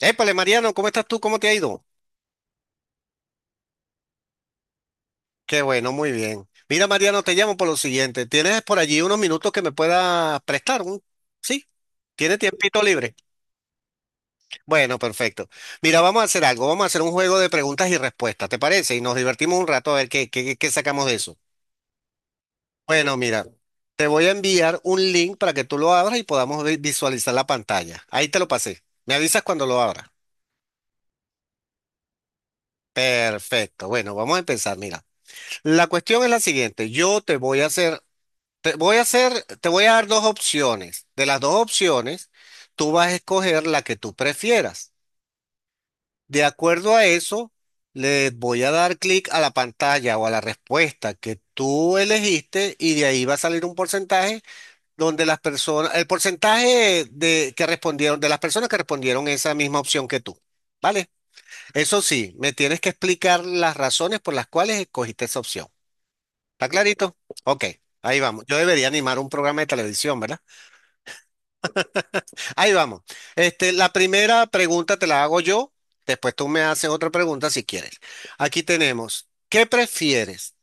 Épale, Mariano, ¿cómo estás tú? ¿Cómo te ha ido? Qué bueno, muy bien. Mira, Mariano, te llamo por lo siguiente. ¿Tienes por allí unos minutos que me puedas prestar? ¿Sí? ¿Tienes tiempito libre? Bueno, perfecto. Mira, vamos a hacer algo. Vamos a hacer un juego de preguntas y respuestas, ¿te parece? Y nos divertimos un rato a ver qué sacamos de eso. Bueno, mira, te voy a enviar un link para que tú lo abras y podamos visualizar la pantalla. Ahí te lo pasé. Me avisas cuando lo abras. Perfecto. Bueno, vamos a empezar. Mira, la cuestión es la siguiente. Yo te voy a hacer Te voy a hacer, te voy a dar dos opciones. De las dos opciones, tú vas a escoger la que tú prefieras. De acuerdo a eso, le voy a dar clic a la pantalla o a la respuesta que tú elegiste y de ahí va a salir un porcentaje donde las personas, el porcentaje de que respondieron, de las personas que respondieron esa misma opción que tú. ¿Vale? Eso sí, me tienes que explicar las razones por las cuales escogiste esa opción. ¿Está clarito? Ok, ahí vamos. Yo debería animar un programa de televisión, ¿verdad? Ahí vamos. Este, la primera pregunta te la hago yo, después tú me haces otra pregunta si quieres. Aquí tenemos, ¿qué prefieres?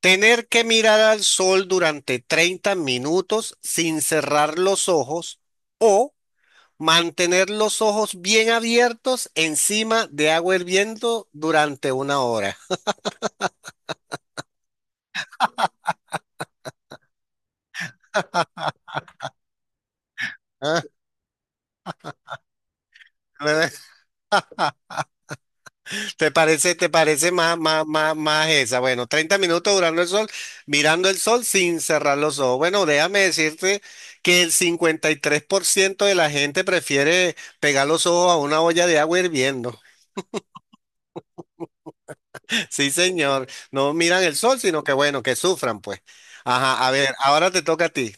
¿Tener que mirar al sol durante 30 minutos sin cerrar los ojos o mantener los ojos bien abiertos encima de agua hirviendo durante una hora? Ah, te parece más esa? Bueno, 30 minutos durando el sol, mirando el sol sin cerrar los ojos. Bueno, déjame decirte que el 53% de la gente prefiere pegar los ojos a una olla de agua hirviendo. Sí, señor. No miran el sol, sino que bueno, que sufran, pues. Ajá, a ver, ahora te toca a ti.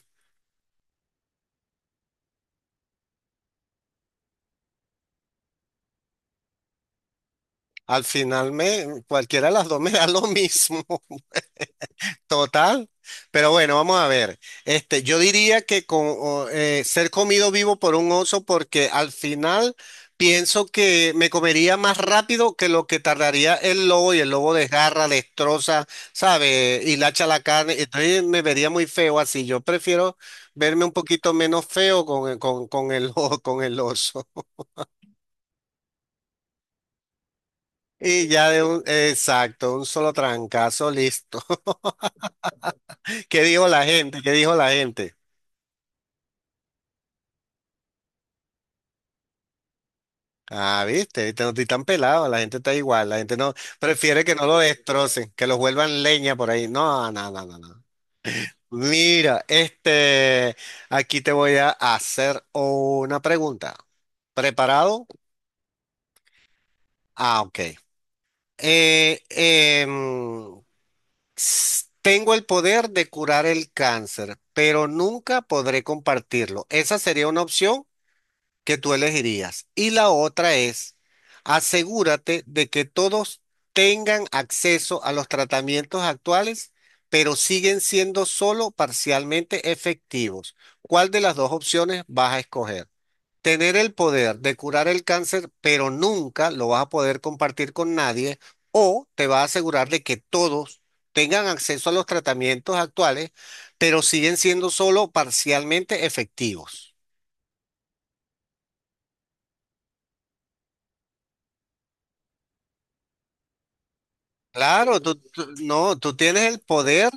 Al final cualquiera de las dos me da lo mismo. Total. Pero bueno, vamos a ver. Este, yo diría que con, o, ser comido vivo por un oso porque al final pienso que me comería más rápido que lo que tardaría el lobo y el lobo desgarra, destroza, ¿sabe? Hilacha la carne. Entonces me vería muy feo así. Yo prefiero verme un poquito menos feo con el, con el oso. Y ya exacto, un solo trancazo, listo. ¿Qué dijo la gente? ¿Qué dijo la gente? Ah, viste, viste, no estoy tan pelado, la gente está igual, la gente no prefiere que no lo destrocen, que los vuelvan leña por ahí. No, no, no, no, no. Mira, este, aquí te voy a hacer una pregunta. ¿Preparado? Ah, ok. Eh, em, Tengo el poder de curar el cáncer, pero nunca podré compartirlo. ¿Esa sería una opción que tú elegirías? Y la otra es, asegúrate de que todos tengan acceso a los tratamientos actuales, pero siguen siendo solo parcialmente efectivos. ¿Cuál de las dos opciones vas a escoger? Tener el poder de curar el cáncer, pero nunca lo vas a poder compartir con nadie, o te vas a asegurar de que todos tengan acceso a los tratamientos actuales, pero siguen siendo solo parcialmente efectivos. Claro, no, tú tienes el poder,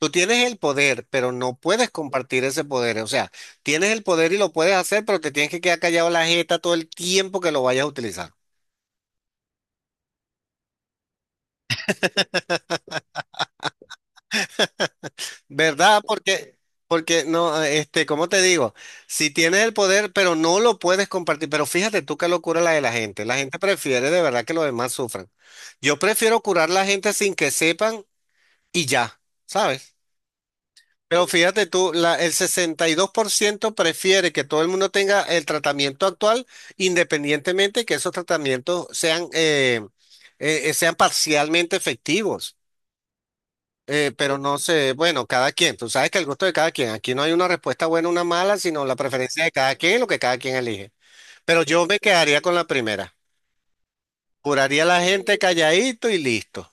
tú tienes el poder, pero no puedes compartir ese poder. O sea, tienes el poder y lo puedes hacer, pero te tienes que quedar callado la jeta todo el tiempo que lo vayas a utilizar. ¿Verdad? Porque, porque no, este, ¿cómo te digo? Si tienes el poder, pero no lo puedes compartir. Pero fíjate tú qué locura la de la gente. La gente prefiere de verdad que los demás sufran. Yo prefiero curar a la gente sin que sepan y ya, ¿sabes? Pero fíjate tú, el 62% prefiere que todo el mundo tenga el tratamiento actual, independientemente que esos tratamientos sean, sean parcialmente efectivos. Pero no sé, bueno, cada quien, tú sabes que el gusto de cada quien, aquí no hay una respuesta buena o una mala, sino la preferencia de cada quien, y lo que cada quien elige. Pero yo me quedaría con la primera. Curaría a la gente calladito y listo.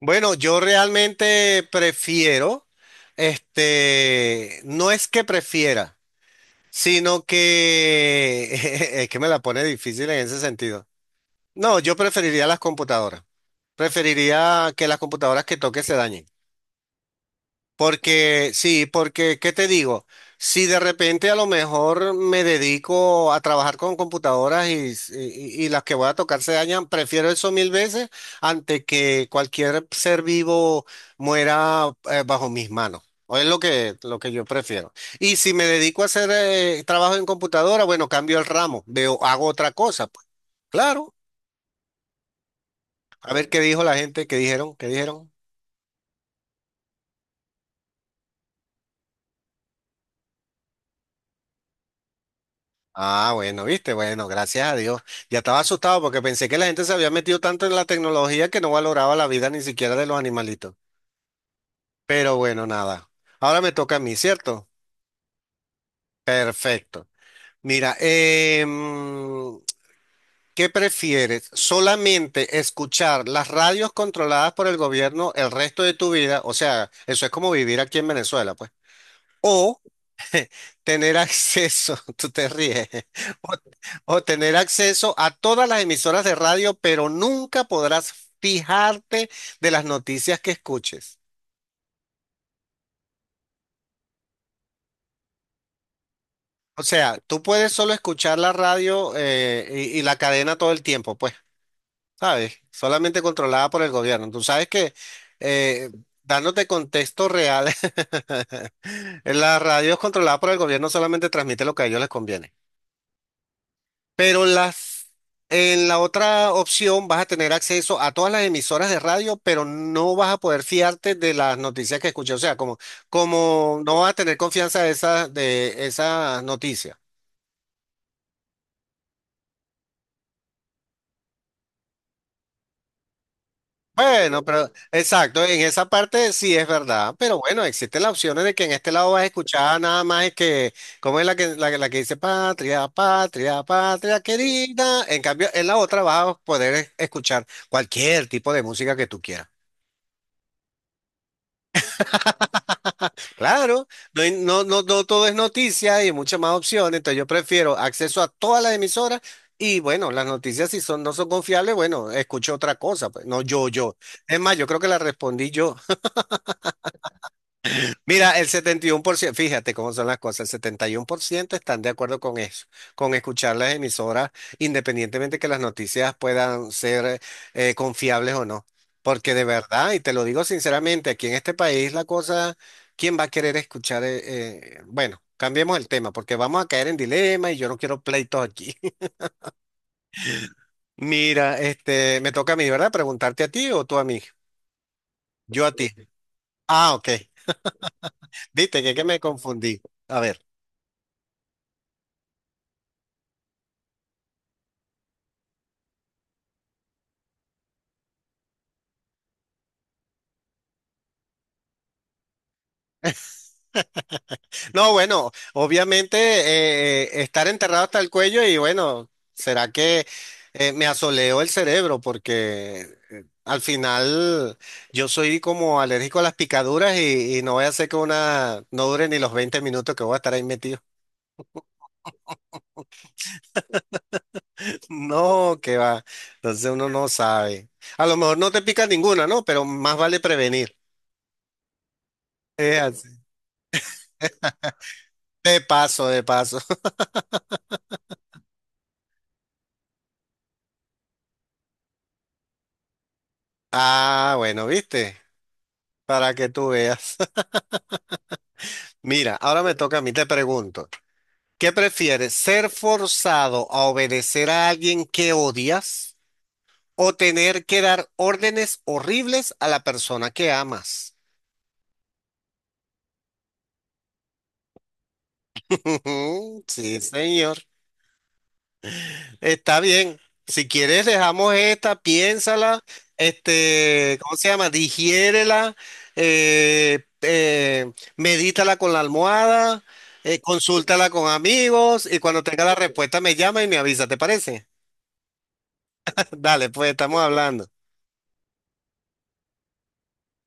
Bueno, yo realmente prefiero, este, no es que prefiera, sino que es que me la pone difícil en ese sentido. No, yo preferiría las computadoras. Preferiría que las computadoras que toque se dañen. Porque, sí, porque, ¿qué te digo? Si de repente a lo mejor me dedico a trabajar con computadoras y, y las que voy a tocar se dañan, prefiero eso mil veces antes que cualquier ser vivo muera bajo mis manos. O es lo que yo prefiero. Y si me dedico a hacer trabajo en computadora, bueno, cambio el ramo, veo, hago otra cosa, pues. Claro, a ver qué dijo la gente, qué dijeron, qué dijeron. Ah, bueno, viste, bueno, gracias a Dios. Ya estaba asustado porque pensé que la gente se había metido tanto en la tecnología que no valoraba la vida ni siquiera de los animalitos. Pero bueno, nada. Ahora me toca a mí, ¿cierto? Perfecto. Mira, em, ¿qué prefieres? ¿Solamente escuchar las radios controladas por el gobierno el resto de tu vida? O sea, eso es como vivir aquí en Venezuela, pues. O tener acceso, tú te ríes, o, o tener acceso a todas las emisoras de radio, pero nunca podrás fijarte de las noticias que escuches. O sea, tú puedes solo escuchar la radio y la cadena todo el tiempo, pues, ¿sabes? Solamente controlada por el gobierno. Tú sabes que, eh, dándote contexto real, la radio es controlada por el gobierno, solamente transmite lo que a ellos les conviene. Pero las, en la otra opción vas a tener acceso a todas las emisoras de radio, pero no vas a poder fiarte de las noticias que escuché. O sea, como, como no vas a tener confianza de de esas noticias. Bueno, pero exacto, en esa parte sí es verdad, pero bueno, existen las opciones de que en este lado vas a escuchar nada más es que, ¿cómo es la que, que la que dice patria, patria, patria querida? En cambio, en la otra vas a poder escuchar cualquier tipo de música que tú quieras. Claro, no, no, no, no todo es noticia y hay muchas más opciones, entonces yo prefiero acceso a todas las emisoras y bueno, las noticias si son, no son confiables, bueno, escucho otra cosa, pues, no yo, yo. Es más, yo creo que la respondí yo. Mira, el 71%, fíjate cómo son las cosas, el 71% están de acuerdo con eso, con escuchar las emisoras, independientemente que las noticias puedan ser confiables o no. Porque de verdad, y te lo digo sinceramente, aquí en este país la cosa, ¿quién va a querer escuchar? Bueno, cambiemos el tema, porque vamos a caer en dilema y yo no quiero pleitos aquí. Mira, este, me toca a mí, ¿verdad? Preguntarte a ti o tú a mí. Yo a ti. Ah, ok. Viste que me confundí. A ver. No, bueno, obviamente estar enterrado hasta el cuello y bueno, será que me asoleó el cerebro porque al final yo soy como alérgico a las picaduras y no voy a hacer que una no dure ni los 20 minutos que voy a estar ahí metido. No, que va. Entonces uno no sabe. A lo mejor no te pica ninguna, ¿no? Pero más vale prevenir. Es así. De paso, de paso. Ah, bueno, viste, para que tú veas. Mira, ahora me toca a mí, te pregunto. ¿Qué prefieres? ¿Ser forzado a obedecer a alguien que odias o tener que dar órdenes horribles a la persona que amas? Sí, señor. Está bien. Si quieres, dejamos esta, piénsala, este, ¿cómo se llama? Digiérela, medítala con la almohada, consúltala con amigos y cuando tenga la respuesta me llama y me avisa, ¿te parece? Dale, pues estamos hablando.